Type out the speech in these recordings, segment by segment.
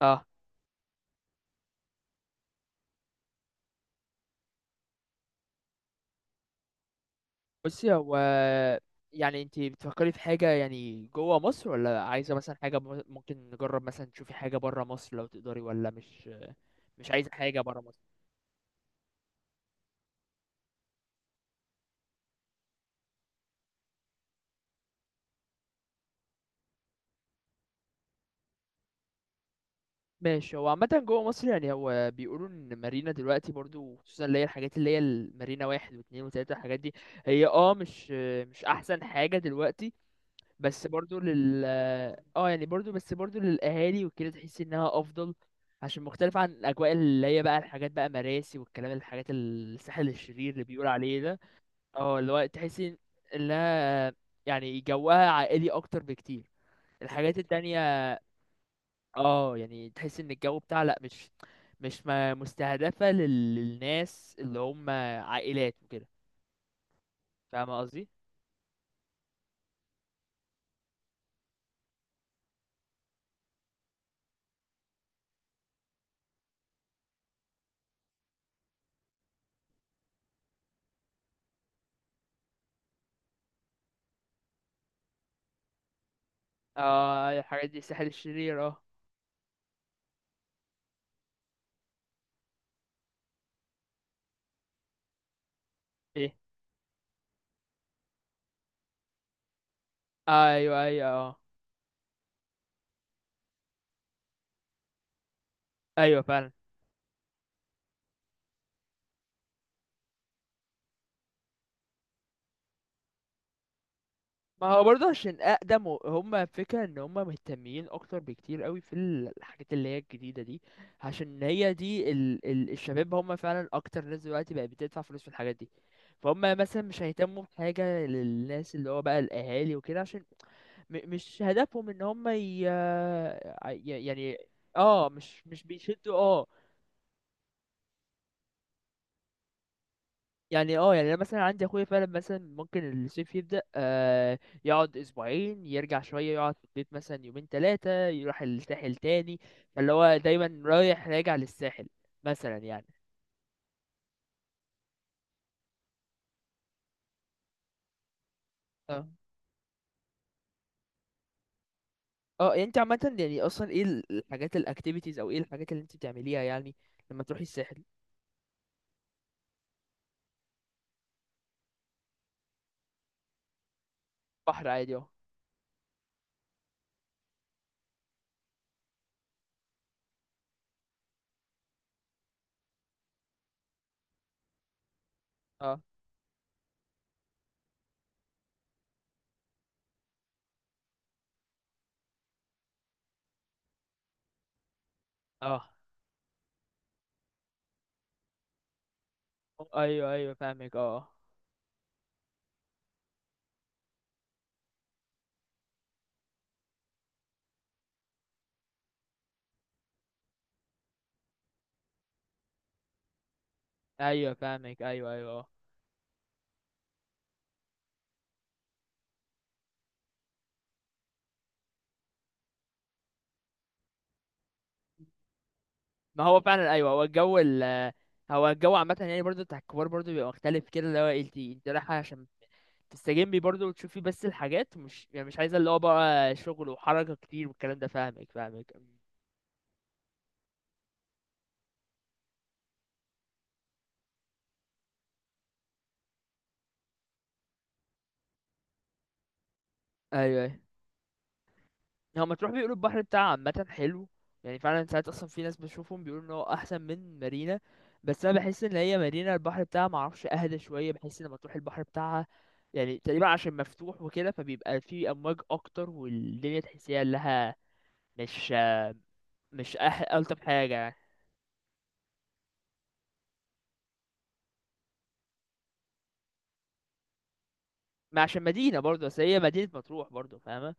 اه بصي هو، يعني انت بتفكري في حاجة يعني جوه مصر، ولا عايزة مثلا حاجة ممكن نجرب مثلا تشوفي حاجة برا مصر لو تقدري ولا مش عايزة حاجة برا مصر. ماشي، هو عامة جوه مصر يعني هو بيقولوا ان مارينا دلوقتي برضو، خصوصا اللي هي الحاجات اللي هي المارينا واحد واتنين وتلاتة، الحاجات دي هي، اه، مش احسن حاجة دلوقتي. بس برضو لل يعني برضو، بس برضو للاهالي وكده تحس انها افضل، عشان مختلف عن الاجواء اللي هي بقى الحاجات بقى مراسي والكلام، الحاجات الساحل الشرير اللي بيقول عليه ده. اه، اللي هو تحسي انها يعني جوها عائلي اكتر بكتير. الحاجات التانية اه، يعني تحس ان الجو بتاع، لا مش مستهدفة للناس اللي هم عائلات وكده. فاهمة قصدي؟ اه الحاجات دي الساحل الشرير اه. ايه، ايوه ايوه اه. ايوه فعلا. ما هو برضه عشان اقدم هم فكرة ان هم مهتمين اكتر بكتير قوي في الحاجات اللي هي الجديدة دي، عشان هي دي ال الشباب هم فعلا اكتر ناس دلوقتي بقت بتدفع فلوس في الحاجات دي. فهم مثلا مش هيهتموا بحاجة للناس اللي هو بقى الاهالي وكده، عشان مش هدفهم ان هم يعني، اه، مش بيشدوا آه، يعني. اه، يعني انا مثلا عندي اخويا فعلا، مثلا ممكن الصيف يبدأ آه، يقعد اسبوعين يرجع شوية، يقعد في البيت مثلا يومين ثلاثة يروح الساحل تاني. فاللي هو دايما رايح راجع للساحل مثلا يعني. اه اه يعني انت عامة، يعني اصلا ايه الحاجات الاكتيفيتيز، او ايه الحاجات اللي انت بتعمليها يعني لما تروحي الساحل؟ بحر عادي اه. اه اه ايوه ايوه، فاهمك اه. ايوه فاهمك، ايوه ايوه اه. ما هو فعلا، ايوه، هو الجو ال، هو الجو عامة يعني برضه بتاع الكبار برضه بيبقى مختلف كده، اللي هو إيه، انت رايحة عشان تستجمي برضه وتشوفي، بس الحاجات مش يعني مش عايزة اللي هو بقى شغل وحركة كتير والكلام ده. فاهمك. ايوه ايوه، هو ما تروح بيقولوا البحر بتاعها عامة حلو، يعني فعلا ساعات اصلا في ناس بشوفهم بيقولوا ان هو احسن من مارينا. بس انا بحس ان هي مارينا البحر بتاعها معرفش اهدى شوية، بحس ان لما تروح البحر بتاعها يعني تقريبا، عشان مفتوح وكده فبيبقى فيه امواج اكتر والدنيا تحسيها لها مش آه، مش أح... ألطف حاجة يعني. ما عشان مدينة برضه، بس هي مدينة مطروح برضه، فاهمة؟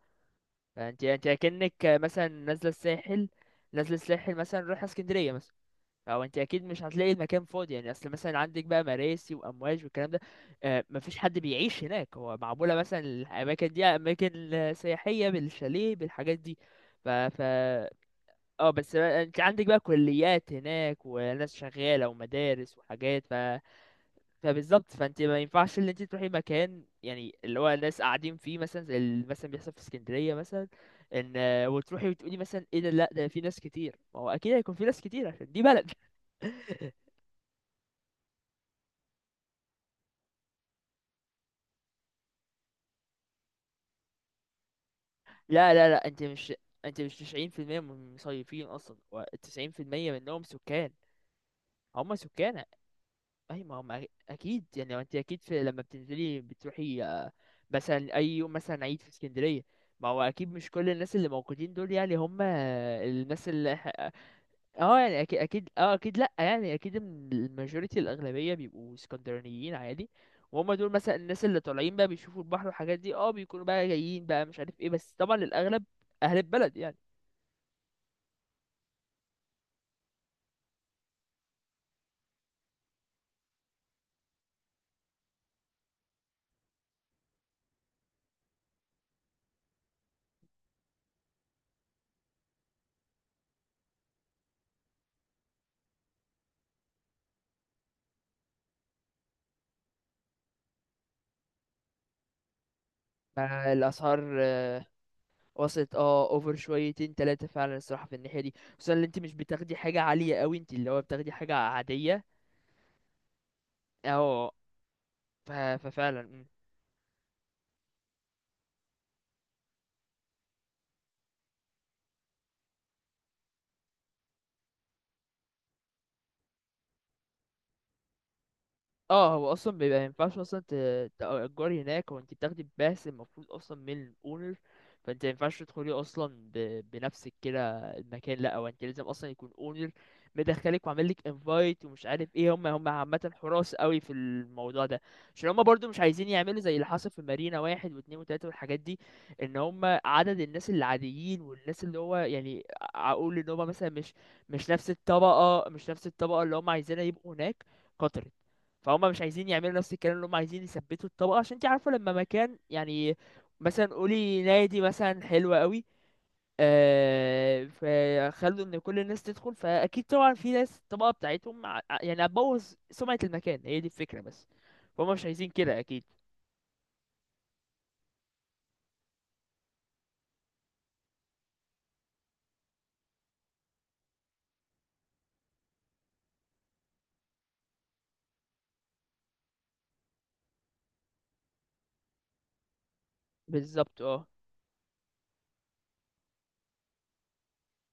فانت اكنك مثلا نازلة الساحل، مثلا رايحة اسكندرية مثلا. او انت اكيد مش هتلاقي المكان فاضي، يعني اصل مثلا عندك بقى مراسي وامواج والكلام ده آه، مفيش حد بيعيش هناك، هو معمولة مثلا الاماكن دي اماكن سياحية بالشاليه بالحاجات دي. ف ف اه، بس بقى انت عندك بقى كليات هناك وناس شغالة ومدارس وحاجات ف، فبالظبط فانت ما ينفعش اللي انت تروحي مكان يعني اللي هو الناس قاعدين فيه مثلا، زي اللي مثلا بيحصل في اسكندريه مثلا. ان آه، وتروحي وتقولي مثلا ايه ده، لا ده في ناس كتير، ما هو اكيد هيكون في ناس كتير عشان دي بلد. لا، انت مش، انت مش 90% من المصيفين اصلا، و90% منهم سكان. هم سكان اي، ما هم اكيد يعني، ما انت اكيد في لما بتنزلي بتروحي آه، مثلا اي يوم مثلا عيد في اسكندريه، ما هو اكيد مش كل الناس اللي موجودين دول يعني هم الناس اللي، اه، يعني اكيد، لا يعني اكيد إن الماجوريتي الاغلبيه بيبقوا اسكندرانيين عادي. وهم دول مثلا الناس اللي طالعين بقى بيشوفوا البحر والحاجات دي، اه بيكونوا بقى جايين بقى مش عارف ايه، بس طبعا الاغلب اهل البلد يعني. فالاسعار آه، وصلت اه اوفر شويتين تلاتة فعلا الصراحه في الناحيه دي، خصوصا ان انت مش بتاخدي حاجه عاليه قوي، انت اللي هو بتاخدي حاجه عاديه اه. ففعلا إمم. اه، هو اصلا بيبقى مينفعش اصلا تأجري هناك، هو انت بتاخدي باس المفروض اصلا من الاونر. فانت مينفعش تدخلي اصلا بنفسك كده المكان، لا هو انت لازم اصلا يكون اونر مدخلك وعامل لك انفايت ومش عارف ايه. هم عامه حراس قوي في الموضوع ده، عشان هم برضو مش عايزين يعملوا زي اللي حصل في مارينا واحد واتنين وتلاته والحاجات دي. ان هم عدد الناس العاديين والناس اللي هو يعني، اقول ان هم مثلا مش، مش نفس الطبقه، اللي هم عايزينها يبقوا هناك كترت. فهم مش عايزين يعملوا نفس الكلام، اللي هم عايزين يثبتوا الطبقه، عشان انت عارفه لما مكان يعني مثلا قولي نادي مثلا حلو قوي آه، فخلوا ان كل الناس تدخل، فاكيد طبعا في ناس الطبقه بتاعتهم يعني هتبوظ سمعه المكان، هي دي الفكره بس. فهم مش عايزين كده اكيد. بالظبط اه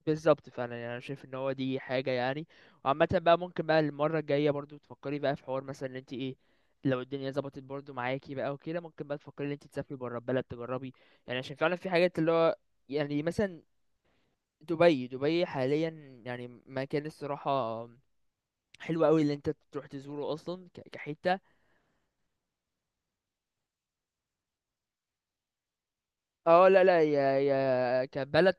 بالظبط فعلا، يعني انا شايف ان هو دي حاجه يعني. وعامه بقى ممكن بقى المره الجايه برضو تفكري بقى في حوار مثلا، ان انت ايه، لو الدنيا ظبطت برضو معاكي بقى وكده ممكن بقى تفكري ان انت تسافري بره البلد تجربي. يعني عشان فعلا في حاجات اللي هو، يعني مثلا دبي. دبي حاليا يعني مكان الصراحه حلو قوي اللي انت تروح تزوره اصلا كحته. اه لا لا، يا يا كبلد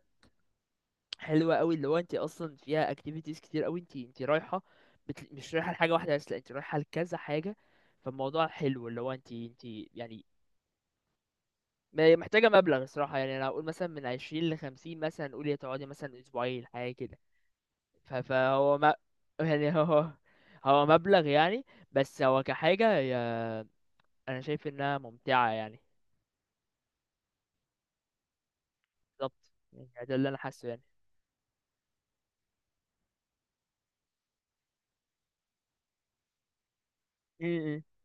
حلوه قوي، اللي هو انت اصلا فيها اكتيفيتيز كتير قوي، انت رايحه، مش رايحه لحاجه واحده بس، لا انت رايحه لكذا حاجه. فالموضوع حلو اللي هو انت يعني، محتاجه مبلغ الصراحه، يعني انا اقول مثلا من 20 ل 50 مثلا قولي، تقعدي مثلا اسبوعين حاجه كده. فهو ما يعني هو مبلغ يعني، بس هو كحاجه انا شايف انها ممتعه يعني. بالظبط، يعني ده اللي انا حاسه يعني.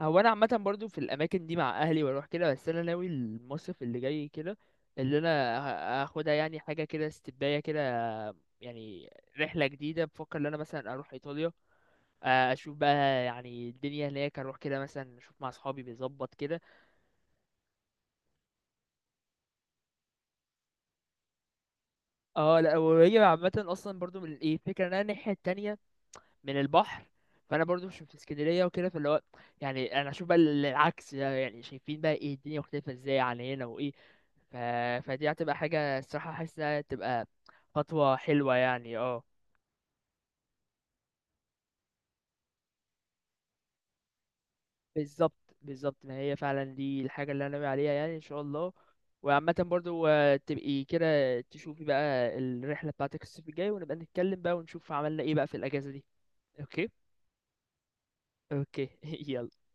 هو انا عامه برضو في الاماكن دي مع اهلي واروح كده، بس انا ناوي المصيف اللي جاي كده، اللي انا هاخدها يعني حاجه كده استباية كده يعني، رحله جديده. بفكر ان انا مثلا اروح ايطاليا، آه، اشوف بقى يعني الدنيا هناك، اروح كده مثلا اشوف مع اصحابي بيظبط كده. اه، لا وهي عامه اصلا برضو من ايه، فكره ان انا الناحيه التانية من البحر، فانا برضو مش في اسكندريه وكده، فاللي هو يعني انا اشوف بقى العكس ده، يعني شايفين بقى ايه الدنيا مختلفه ازاي عن هنا وايه. ف... فدي هتبقى حاجة الصراحة حاسس انها تبقى خطوة حلوة يعني اه. بالظبط بالظبط، ما هي فعلا دي الحاجة اللي انا ناوي عليها يعني، ان شاء الله. وعامة برضو آه، تبقي كده تشوفي بقى الرحلة بتاعتك الصيف الجاي، ونبقى نتكلم بقى ونشوف عملنا ايه بقى في الأجازة دي. اوكي. اوكي. يلا.